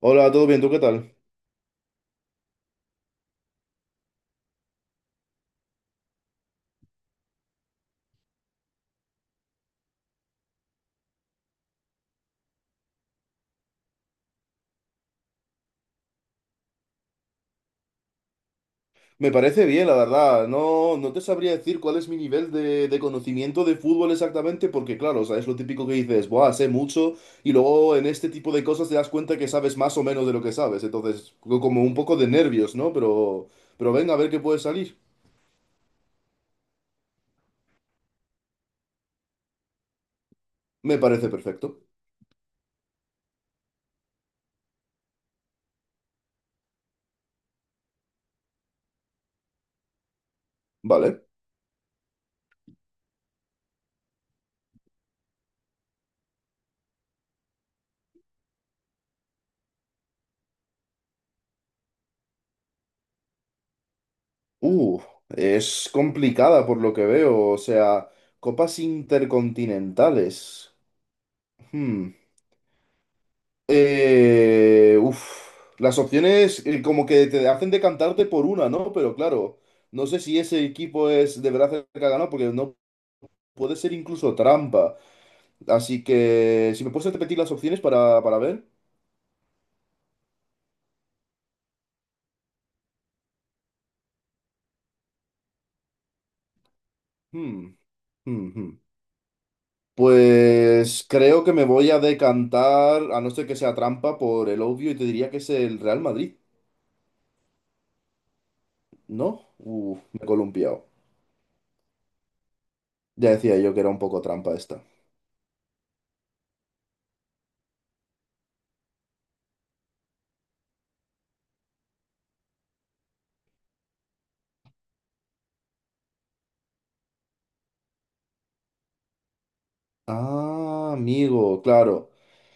Hola, ¿todo bien? ¿Tú qué tal? Me parece bien, la verdad. No, no te sabría decir cuál es mi nivel de conocimiento de fútbol exactamente, porque claro, o sea, es lo típico que dices, buah, sé mucho, y luego en este tipo de cosas te das cuenta que sabes más o menos de lo que sabes. Entonces, como un poco de nervios, ¿no? Pero venga, a ver qué puede salir. Me parece perfecto. Vale. Uh, es complicada por lo que veo. O sea, copas intercontinentales. Hmm. Uf, las opciones como que te hacen decantarte por una, ¿no? Pero claro, no sé si ese equipo es de verdad el que ha ganado, porque no puede ser incluso trampa. Así que, si me puedes repetir las opciones para ver. Hmm, hmm, hmm. Pues creo que me voy a decantar, a no ser que sea trampa, por el obvio y te diría que es el Real Madrid, ¿no? Uf, me he columpiado. Ya decía yo que era un poco trampa esta. Ah, amigo, claro.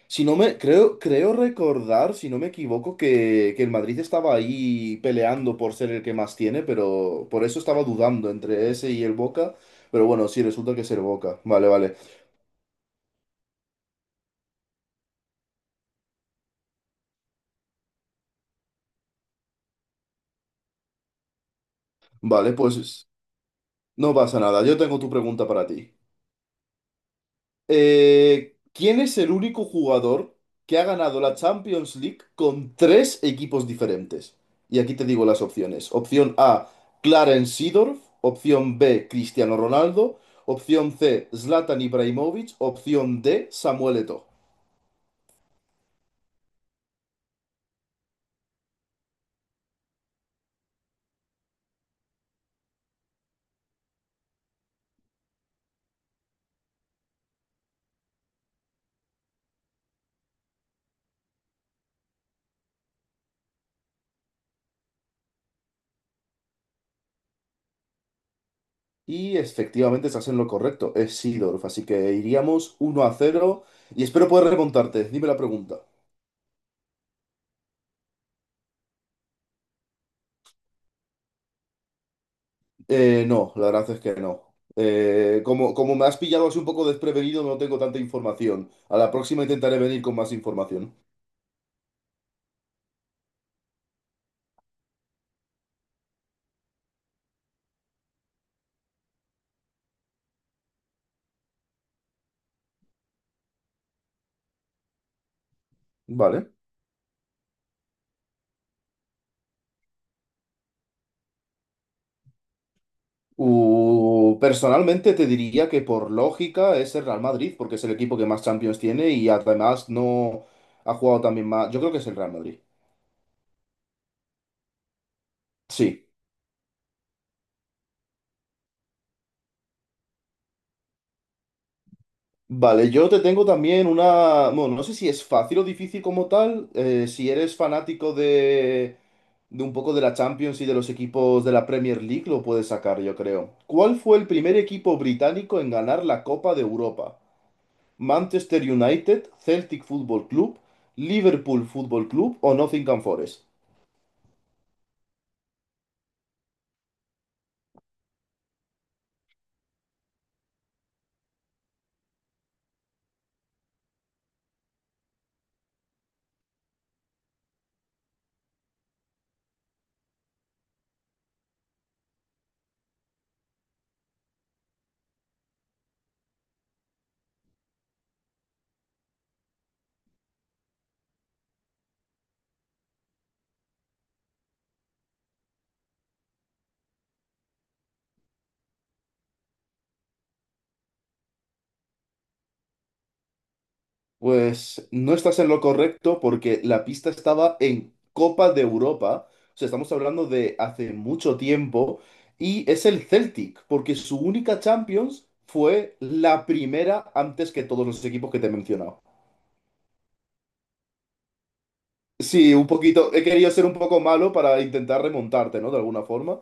Si no me, Creo recordar, si no me equivoco, que el Madrid estaba ahí peleando por ser el que más tiene, pero por eso estaba dudando entre ese y el Boca. Pero bueno, sí, resulta que es el Boca. Vale, vale. Vale, pues no pasa nada. Yo tengo tu pregunta para ti. ¿Quién es el único jugador que ha ganado la Champions League con tres equipos diferentes? Y aquí te digo las opciones. Opción A, Clarence Seedorf. Opción B, Cristiano Ronaldo. Opción C, Zlatan Ibrahimovic. Opción D, Samuel Eto'o. Y efectivamente estás en lo correcto, es Seedorf. Así que iríamos 1-0 y espero poder remontarte. Dime la pregunta. No, la verdad es que no. Como me has pillado así un poco desprevenido, no tengo tanta información. A la próxima intentaré venir con más información. Vale. Personalmente te diría que por lógica es el Real Madrid, porque es el equipo que más Champions tiene y además no ha jugado también más. Yo creo que es el Real Madrid. Sí. Vale, yo te tengo también una... Bueno, no sé si es fácil o difícil como tal. Si eres fanático de un poco de la Champions y de los equipos de la Premier League, lo puedes sacar, yo creo. ¿Cuál fue el primer equipo británico en ganar la Copa de Europa? ¿Manchester United, Celtic Football Club, Liverpool Football Club o Nottingham Forest? Pues no estás en lo correcto porque la pista estaba en Copa de Europa, o sea, estamos hablando de hace mucho tiempo, y es el Celtic, porque su única Champions fue la primera antes que todos los equipos que te he mencionado. Sí, un poquito, he querido ser un poco malo para intentar remontarte, ¿no? De alguna forma.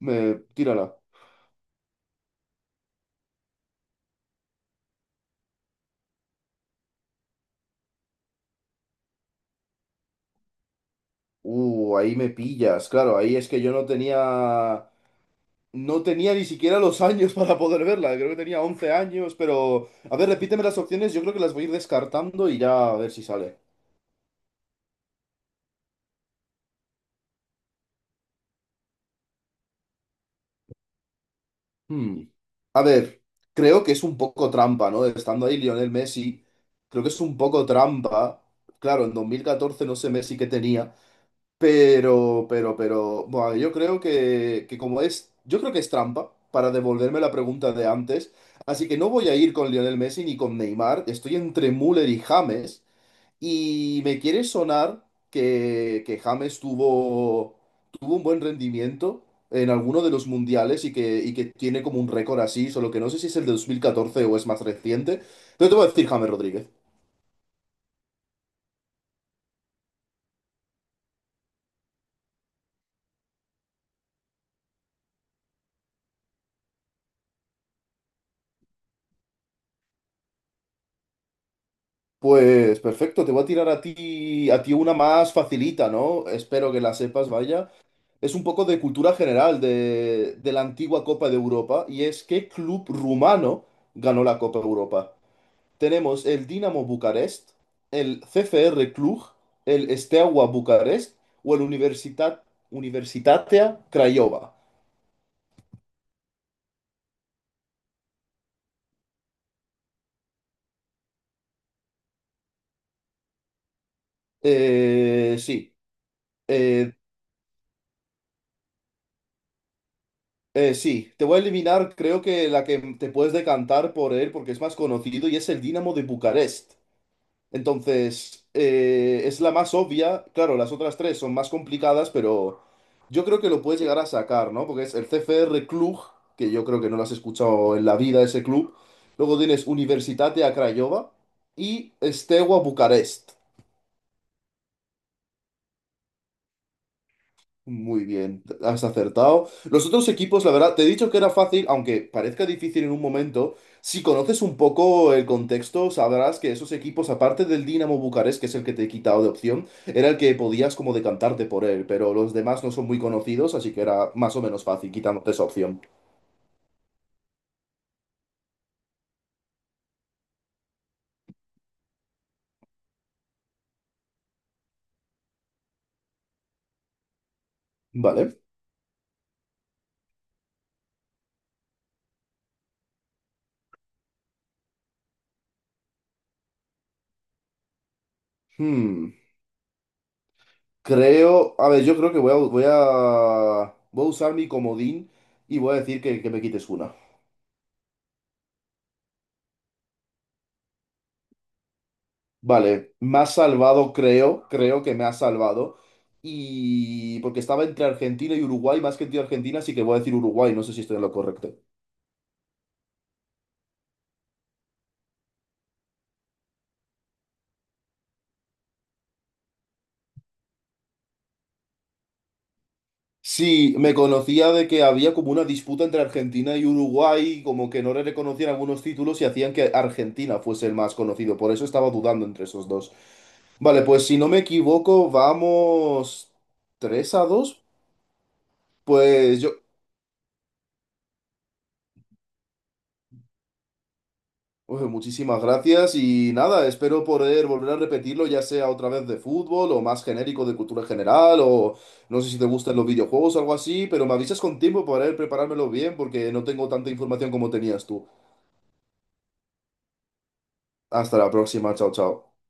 Tírala. Ahí me pillas, claro, ahí es que yo no tenía. No tenía ni siquiera los años para poder verla, creo que tenía 11 años, pero... A ver, repíteme las opciones, yo creo que las voy a ir descartando y ya a ver si sale. Hmm. A ver, creo que es un poco trampa, ¿no? Estando ahí Lionel Messi, creo que es un poco trampa. Claro, en 2014 no sé Messi qué tenía, Bueno, yo creo que como es... Yo creo que es trampa para devolverme la pregunta de antes, así que no voy a ir con Lionel Messi ni con Neymar, estoy entre Müller y James. Y me quiere sonar que James tuvo un buen rendimiento en alguno de los mundiales y que tiene como un récord así, solo que no sé si es el de 2014 o es más reciente. Pero te voy a decir James Rodríguez. Pues perfecto, te voy a tirar a ti, una más facilita, ¿no? Espero que la sepas, vaya. Es un poco de cultura general de la antigua Copa de Europa y es ¿qué club rumano ganó la Copa Europa? Tenemos el Dinamo Bucarest, el CFR Cluj, el Steaua Bucarest o el Universitatea Craiova. Sí. eh, sí, te voy a eliminar, creo que la que te puedes decantar por él porque es más conocido y es el Dinamo de Bucarest. Entonces, es la más obvia. Claro, las otras tres son más complicadas, pero yo creo que lo puedes llegar a sacar, ¿no? Porque es el CFR Cluj, que yo creo que no lo has escuchado en la vida ese club. Luego tienes Universitate a Craiova y Steaua Bucarest. Muy bien, has acertado. Los otros equipos, la verdad, te he dicho que era fácil, aunque parezca difícil en un momento. Si conoces un poco el contexto, sabrás que esos equipos, aparte del Dinamo Bucarest, que es el que te he quitado de opción, era el que podías como decantarte por él, pero los demás no son muy conocidos, así que era más o menos fácil quitándote esa opción. Vale. Hmm. Creo, a ver, yo creo que voy a usar mi comodín y voy a decir que me quites una. Vale, me ha salvado, creo que me ha salvado. Y porque estaba entre Argentina y Uruguay, más que entre Argentina, así que voy a decir Uruguay, no sé si estoy en lo correcto. Sí, me conocía de que había como una disputa entre Argentina y Uruguay, como que no le reconocían algunos títulos y hacían que Argentina fuese el más conocido, por eso estaba dudando entre esos dos. Vale, pues si no me equivoco, vamos 3-2. Pues yo, pues muchísimas gracias y nada, espero poder volver a repetirlo, ya sea otra vez de fútbol o más genérico de cultura general o no sé si te gustan los videojuegos o algo así, pero me avisas con tiempo para poder preparármelo bien porque no tengo tanta información como tenías tú. Hasta la próxima, chao, chao.